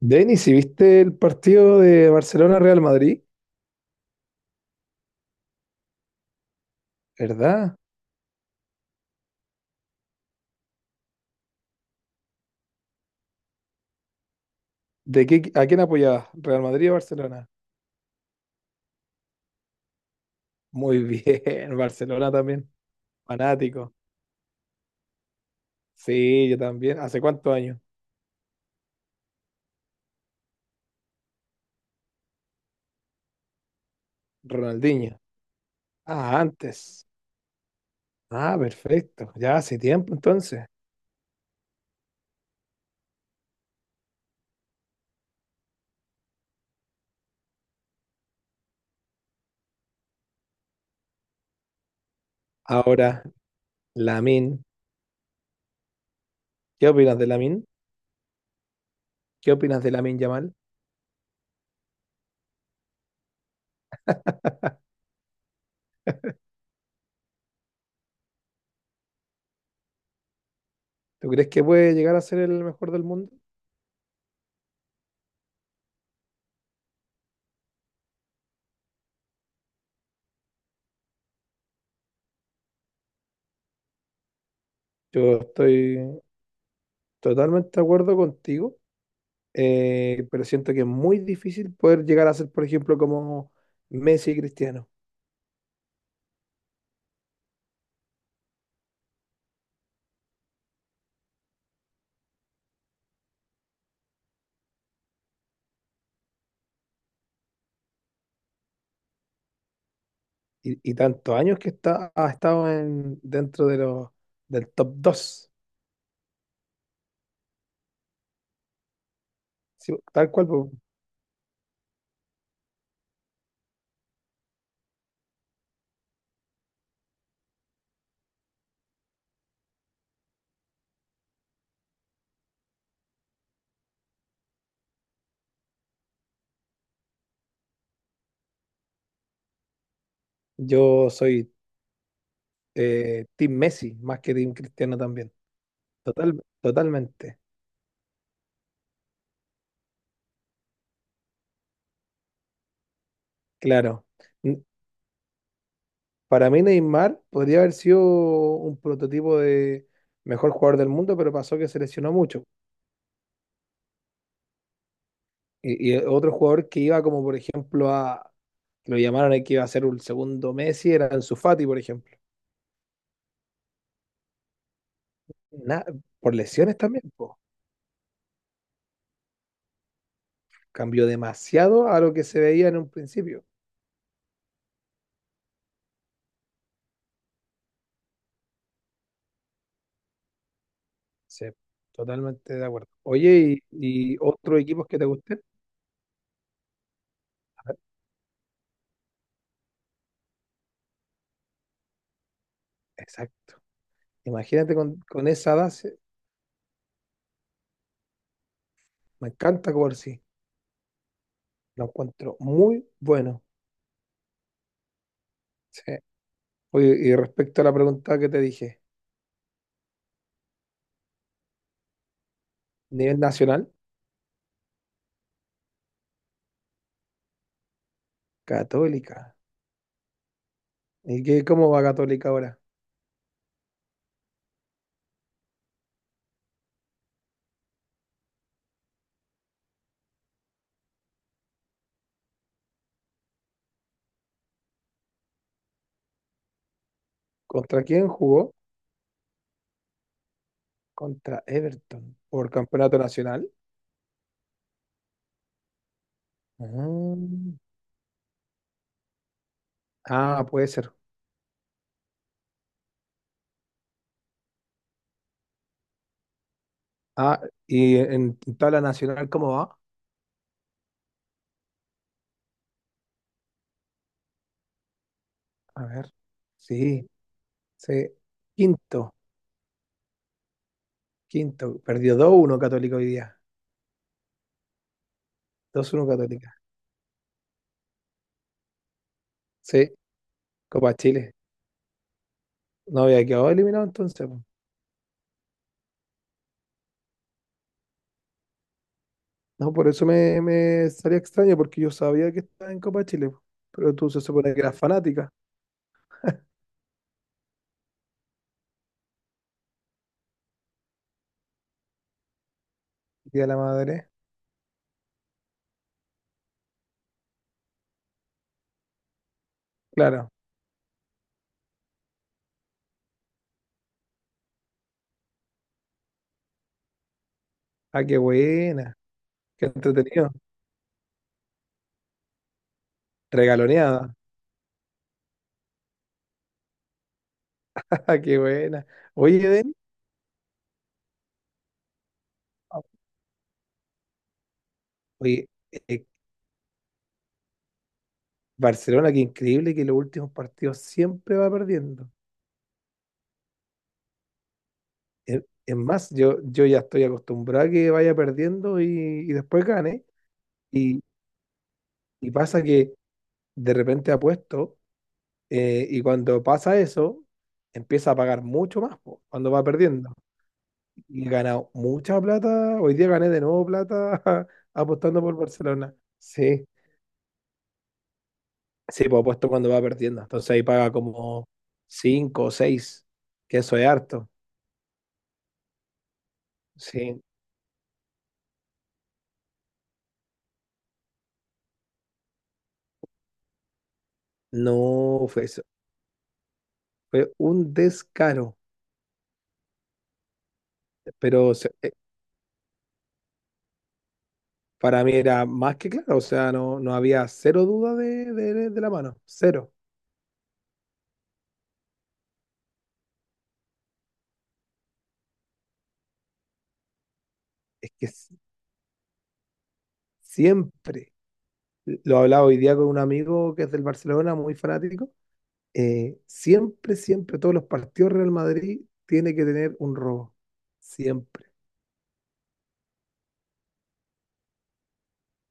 Denis, ¿y viste el partido de Barcelona-Real Madrid? ¿Verdad? ¿De qué, a quién apoyabas? ¿Real Madrid o Barcelona? Muy bien, Barcelona también. Fanático. Sí, yo también. ¿Hace cuántos años? Ronaldinho. Ah, antes. Ah, perfecto. Ya hace tiempo entonces. Ahora, Lamine. ¿Qué opinas de Lamine? ¿Qué opinas de Lamine Yamal? ¿Tú crees que puede llegar a ser el mejor del mundo? Yo estoy totalmente de acuerdo contigo. Pero siento que es muy difícil poder llegar a ser, por ejemplo, como Messi y Cristiano. Y tantos años que está, ha estado en, dentro de los del top dos. Sí, tal cual, po. Yo soy Team Messi más que Team Cristiano también. Total, totalmente, claro. N- Para mí Neymar podría haber sido un prototipo de mejor jugador del mundo, pero pasó que se lesionó mucho. Y otro jugador que iba como, por ejemplo, a, que lo llamaron y que iba a ser un segundo Messi, era Ansu Fati, por ejemplo. Na- por lesiones también, po. Cambió demasiado a lo que se veía en un principio. Sí, totalmente de acuerdo. Oye, ¿y otros equipos que te gusten? Exacto. Imagínate con esa base, me encanta jugar, sí lo encuentro muy bueno. Sí. Oye, y respecto a la pregunta que te dije, nivel nacional, Católica. ¿Y qué, cómo va Católica ahora? ¿Contra quién jugó? Contra Everton por campeonato nacional. Mm. Ah, puede ser. Ah, y en tabla nacional, ¿cómo va? A ver. Sí, sí. Quinto, quinto. Perdió dos uno Católica hoy día. Dos uno Católica. Sí, Copa Chile. No había quedado eliminado entonces, po. No, por eso me salía extraño, porque yo sabía que estaba en Copa Chile, po. Pero tú se supone que eras fanática. Y a la madre. Claro. Ah, qué buena. Qué entretenido. Regaloneada. Ah, qué buena. Oye, Denis. Oye, eh, Barcelona, qué increíble que en los últimos partidos siempre va perdiendo. Es más, yo ya estoy acostumbrado a que vaya perdiendo y después gane. Y, y pasa que de repente apuesto, y cuando pasa eso, empieza a pagar mucho más po, cuando va perdiendo. Y he ganado mucha plata. Hoy día gané de nuevo plata apostando por Barcelona. Sí, sí, pues apuesto cuando va perdiendo. Entonces ahí paga como 5 o 6. Que eso es harto. Sí, no, fue un descaro, pero para mí era más que claro, o sea, no había cero duda de la mano, cero. Es que siempre, lo hablaba hoy día con un amigo que es del Barcelona, muy fanático, siempre, siempre, todos los partidos Real Madrid tiene que tener un robo, siempre.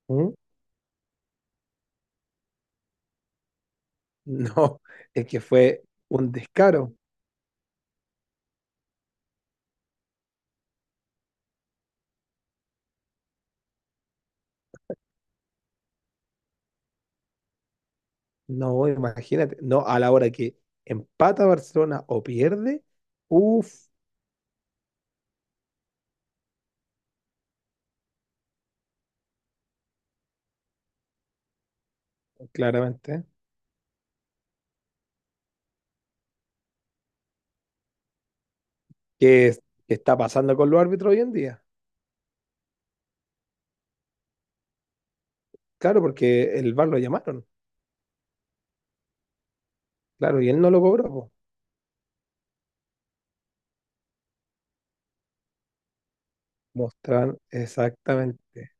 ¿Mm? No, es que fue un descaro, no, imagínate, no, a la hora que empata Barcelona o pierde. Uff, claramente. ¿Qué, qué está pasando con los árbitros hoy en día? Claro, porque el VAR lo llamaron, claro, y él no lo cobró, po. Mostrar exactamente.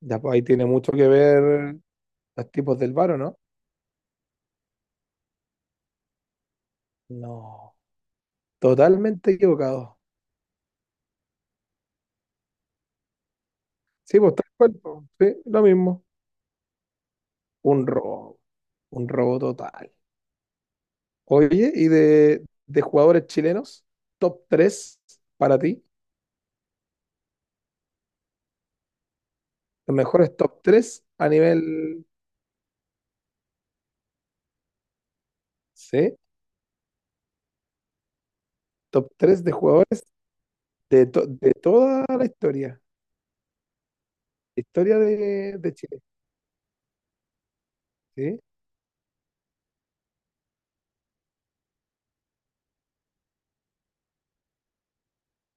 Ya, pues, ahí tiene mucho que ver los tipos del VAR, ¿o no? No, totalmente equivocado. Sí, pues tal cual, po, sí, lo mismo. Un robo, un robo total. Oye, ¿y de jugadores chilenos? Top 3 para ti, los mejores top 3 a nivel, ¿sí? Top 3 de jugadores. De, de toda la historia, historia de Chile, ¿sí?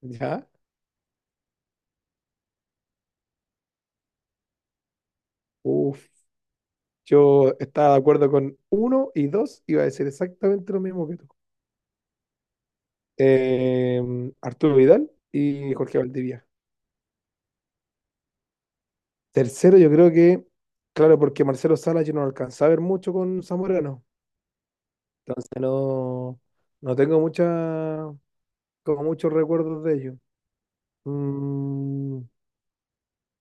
¿Ya? Uff, yo estaba de acuerdo con uno y dos, iba a decir exactamente lo mismo que tú. Arturo Vidal y Jorge Valdivia. Tercero, yo creo que, claro, porque Marcelo Salas yo no lo alcanzaba a ver mucho con Zamorano, entonces no, tengo mucha, como muchos recuerdos de ellos. Mm,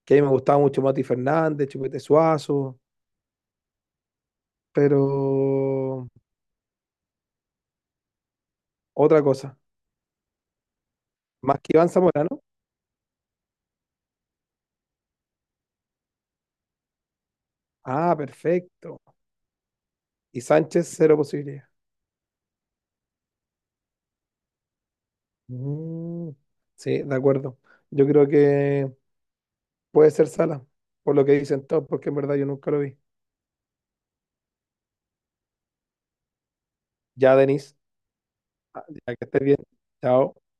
que a mí me gustaba mucho Mati Fernández, Chupete Suazo, pero. Otra cosa. Más que Iván Zamorano. Ah, perfecto. Y Sánchez, cero posibilidad. Mm, sí, de acuerdo. Yo creo que puede ser Sala, por lo que dicen todos, porque en verdad yo nunca lo vi. Ya, Denis, ya que estés bien. Chao.